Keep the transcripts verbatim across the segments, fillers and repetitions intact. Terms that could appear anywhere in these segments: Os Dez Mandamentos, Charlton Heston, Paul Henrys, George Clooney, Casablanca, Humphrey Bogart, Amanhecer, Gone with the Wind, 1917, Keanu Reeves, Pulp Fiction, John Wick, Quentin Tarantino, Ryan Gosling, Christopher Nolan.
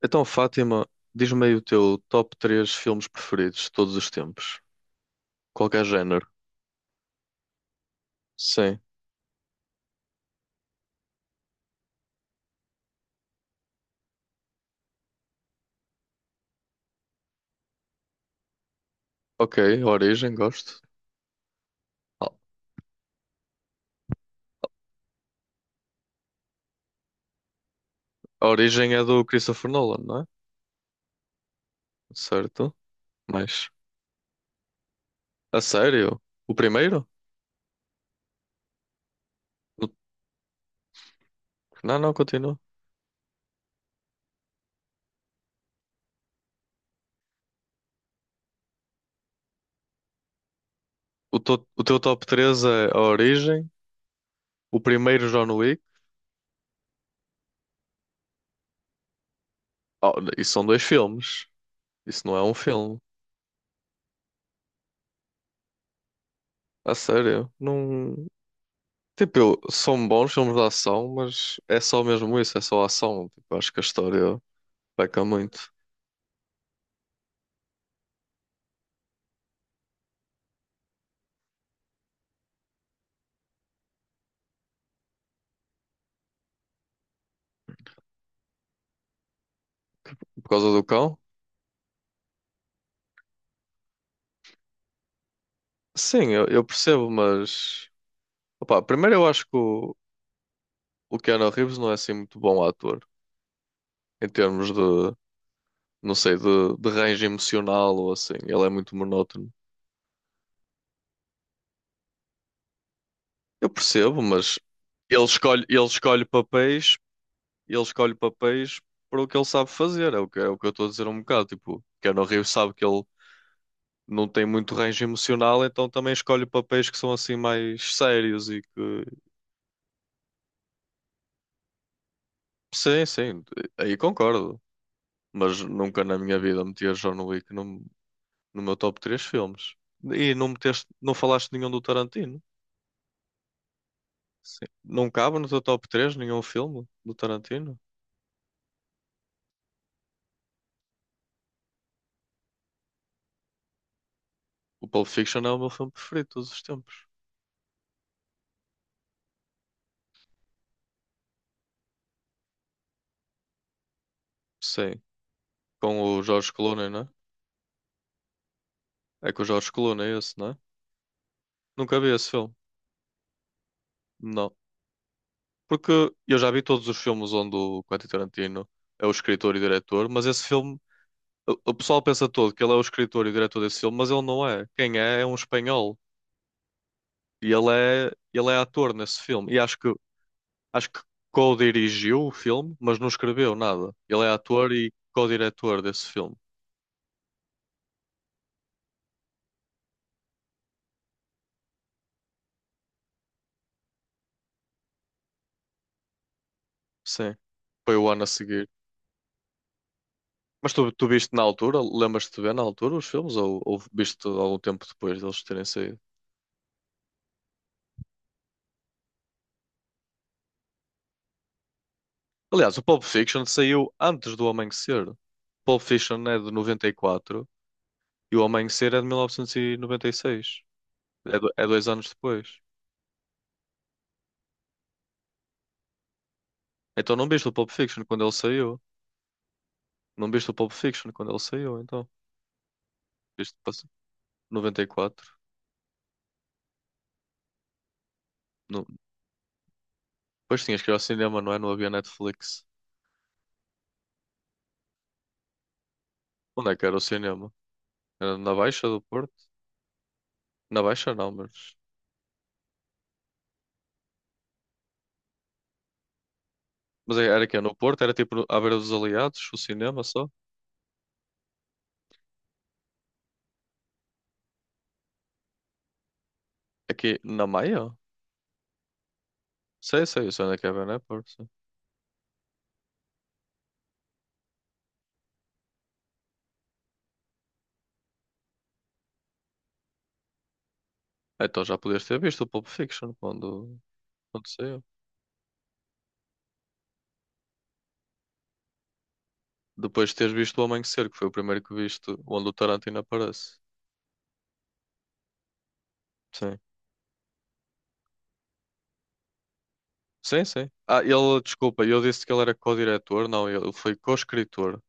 Então, Fátima, diz-me aí o teu top três filmes preferidos de todos os tempos. Qualquer género. Sim. Ok, A Origem, gosto. A Origem é do Christopher Nolan, não é? Certo. Mas, a sério? O primeiro? O- Não, não, continua. O, to- o teu top três é A Origem, o primeiro John Wick. Oh, isso são dois filmes. Isso não é um filme. A sério? Não. Tipo, eu- são bons filmes de ação, mas é só mesmo isso, é só ação. Tipo, acho que a história. Peca muito por causa do cão. Sim, eu, eu percebo, mas opá, primeiro eu acho que o, o Keanu Reeves não é assim muito bom ator em termos de, não sei, de, de range emocional ou assim. Ele é muito monótono. Eu percebo, mas ele escolhe, ele escolhe papéis, ele escolhe papéis para o que ele sabe fazer. É o que, é o que eu estou a dizer um bocado. Tipo, Keanu Reeves sabe que ele não tem muito range emocional, então também escolhe papéis que são assim mais sérios e que. Sim, sim, aí concordo. Mas nunca na minha vida metias John Wick no, no meu top três filmes. E não meteste, não falaste de nenhum do Tarantino. Sim. Não cabe no teu top três nenhum filme do Tarantino. O Pulp Fiction é o meu filme preferido de todos os tempos. Sim, com o George Clooney, né? É É com o George Clooney esse, né? Nunca vi esse filme. Não. Porque eu já vi todos os filmes onde o Quentin Tarantino é o escritor e diretor, mas esse filme, o o pessoal pensa todo que ele é o escritor e diretor desse filme, mas ele não é. Quem é é um espanhol. E ele é, ele é ator nesse filme. E acho que, acho que co-dirigiu o filme, mas não escreveu nada. Ele é ator e co-diretor desse filme. Sim. Foi o ano a seguir. Mas tu, tu viste na altura? Lembras-te de ver na altura os filmes? Ou, ou viste algum tempo depois deles terem saído? Aliás, o Pulp Fiction saiu antes do Amanhecer. Pulp Fiction é de noventa e quatro e quatro e o Amanhecer é de mil novecentos e noventa e seis. É, do- é dois anos depois. Então não viste o Pulp Fiction quando ele saiu? Não viste o Pulp Fiction quando ele saiu, então? Isto passou noventa e quatro. No... Depois tinhas que ir ao cinema, não é? Não havia Netflix. Onde é que era o cinema? Era na Baixa do Porto? Na Baixa não, mas. Mas era que no Porto? Era tipo à beira dos Aliados, o cinema só? Aqui na Maia? Sei, sei, eu sei onde é que é, né? Porto. Sim. Ah, então já podias ter visto o Pulp Fiction quando, quando saiu. Depois de teres visto O Amanhecer, que foi o primeiro que viste, onde o Tarantino aparece. Sim. Sim, sim. Ah, ele, desculpa, eu disse que ele era co-diretor, não, ele foi co-escritor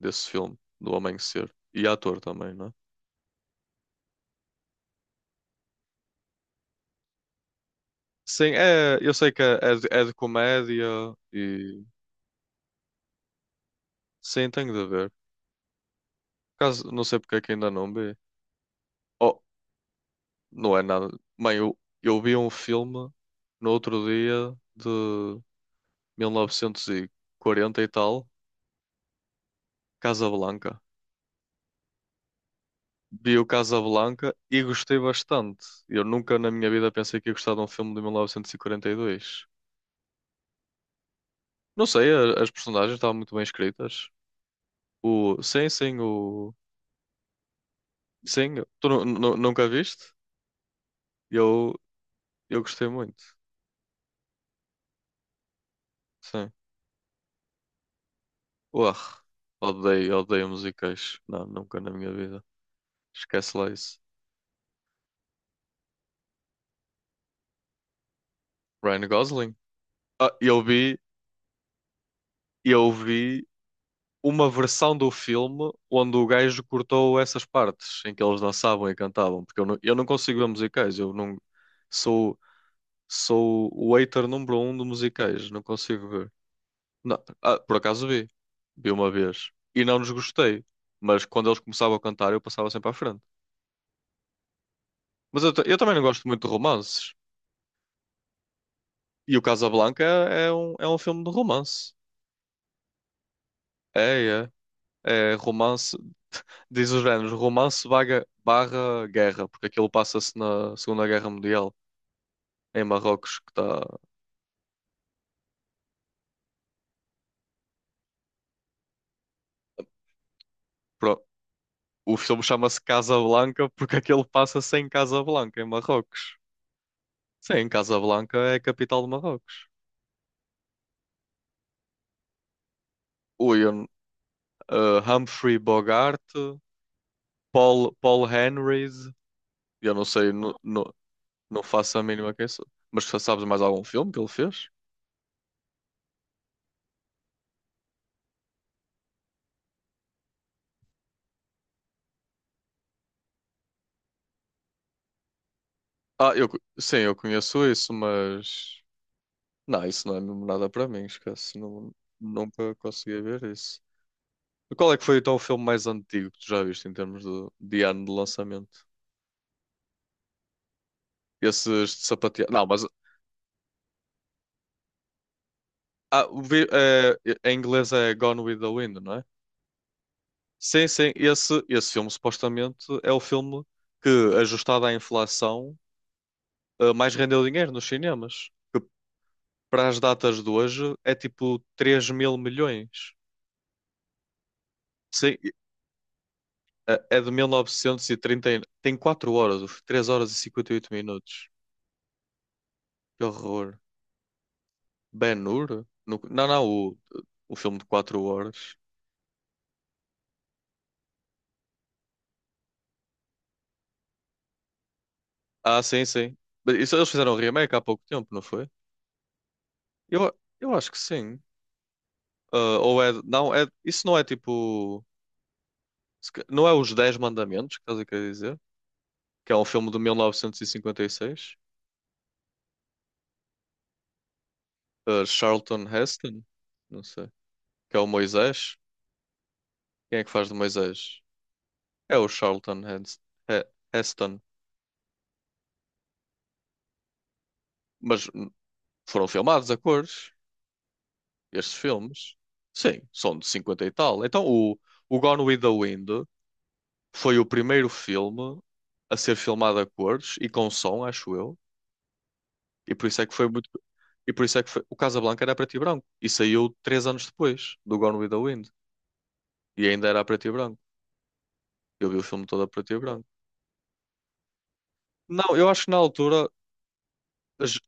desse filme, do Amanhecer. E ator também, não é? Sim, é, eu sei que é, é de, é de comédia e. Sim, tenho de ver. Por caso, não sei porque é que ainda não vi. Oh, não é nada. Mãe, eu, eu vi um filme no outro dia de mil novecentos e quarenta e tal, Casablanca. Vi o Casablanca e gostei bastante. Eu nunca na minha vida pensei que ia gostar de um filme de mil novecentos e e quarenta e dois. Não sei, a- as personagens estavam muito bem escritas. O, sim, sim, o. Sim, tu nu- nu- nunca viste? Eu, eu gostei muito. Sim. Uar, odeio, odeio musicais. Não, nunca na minha vida. Esquece lá isso. Ryan Gosling? Ah, eu vi, eu vi uma versão do filme onde o gajo cortou essas partes em que eles dançavam e cantavam, porque eu não, eu não consigo ver musicais. Eu não sou, sou o hater número um de musicais, não consigo ver. Não, ah, por acaso vi. Vi uma vez. E não nos gostei. Mas quando eles começavam a cantar, eu passava sempre à frente. Mas eu, ta- eu também não gosto muito de romances. E o Casablanca é, é um, é um filme de romance. É, é. É romance. Diz os géneros, romance vaga- barra guerra. Porque aquilo passa-se na Segunda Guerra Mundial, em Marrocos, que está. pro- O filme chama-se Casablanca porque aquilo passa-se em Casablanca, em Marrocos. Sim, Casablanca é a capital de Marrocos. Ui, eh, Humphrey Bogart, Paul, Paul Henrys, eu não sei, não, não, não faço a mínima quem sou. Mas tu sabes mais algum filme que ele fez? Ah, eu, co- sim, eu conheço isso, mas não, isso não é mesmo nada para mim, esquece, não, nunca consegui ver isso. Qual é que foi então o filme mais antigo que tu já viste em termos de, de ano de lançamento? Esses de sapateado. Não, mas ah, vi- eh, em inglês é Gone with the Wind, não é? Sim, sim, esse, esse filme supostamente é o filme que, ajustado à inflação, eh, mais rendeu dinheiro nos cinemas. Que para as datas de hoje é tipo três mil milhões. Sim, e- eh, é de mil novecentos e trinta. E- trinta. e- Tem quatro horas, três horas e cinquenta e oito minutos. Que horror. Ben-Hur? No- Não, não, o, o filme de quatro horas. Ah, sim, sim. Mas isso, eles fizeram um remake há pouco tempo, não foi? Eu, eu acho que sim. Ah, ou é. Não, é, isso não é tipo. Se ca- Não é Os Dez Mandamentos que estás a querer dizer? Que é um filme de mil novecentos e cinquenta e seis? Uh, Charlton Heston? Não sei. Que é o Moisés? Quem é que faz de Moisés? É o Charlton Hens- He- Heston. Mas hum, foram filmados a cores, estes filmes. Sim, são de cinquenta e tal. Então o, o Gone with the Wind foi o primeiro filme a ser filmado a cores e com som, acho eu. E por isso é que foi muito. E por isso é que foi. O Casablanca era preto e branco. E saiu três anos depois do Gone with the Wind. E ainda era preto e branco. Eu vi o filme todo a preto e branco. Não, eu acho que na altura. j-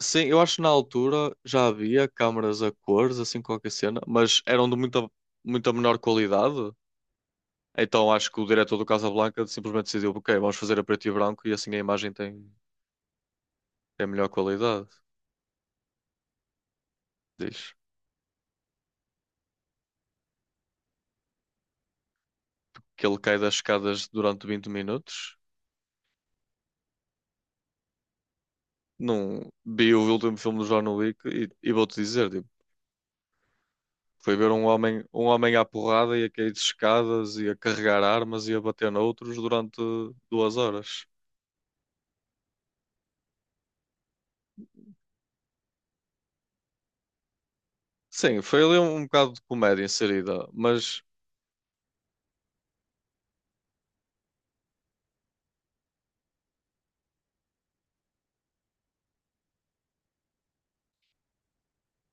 Sim, eu acho que na altura já havia câmaras a cores, assim qualquer cena, mas eram de muita, muita menor qualidade. Então acho que o diretor do Casablanca simplesmente decidiu, ok, vamos fazer a preto e branco e assim a imagem tem, tem melhor qualidade. Diz que ele cai das escadas durante vinte minutos. Não vi o último filme do John Wick e, e vou-te dizer, tipo, foi ver um homem, um homem à porrada e a cair de escadas e a carregar armas e a bater noutros durante duas horas. Sim, foi ali um, um bocado de comédia inserida, mas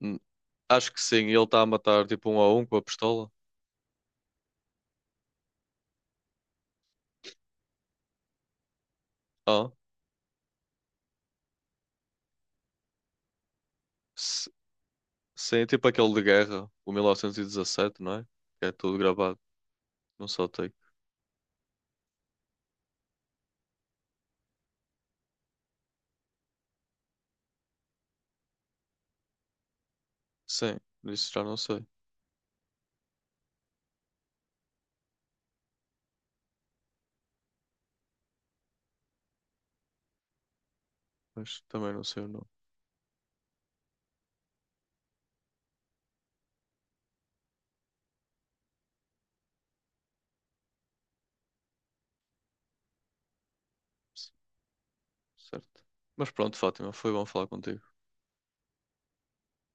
hum, acho que sim, ele está a matar tipo um a um com a pistola. Ah, s- sim, tipo aquele de guerra, o mil novecentos e dezassete, não é? Que é tudo gravado, não só take. Sim, isso já não sei, mas também não sei o nome. C- Certo. Mas pronto, Fátima, foi bom falar contigo.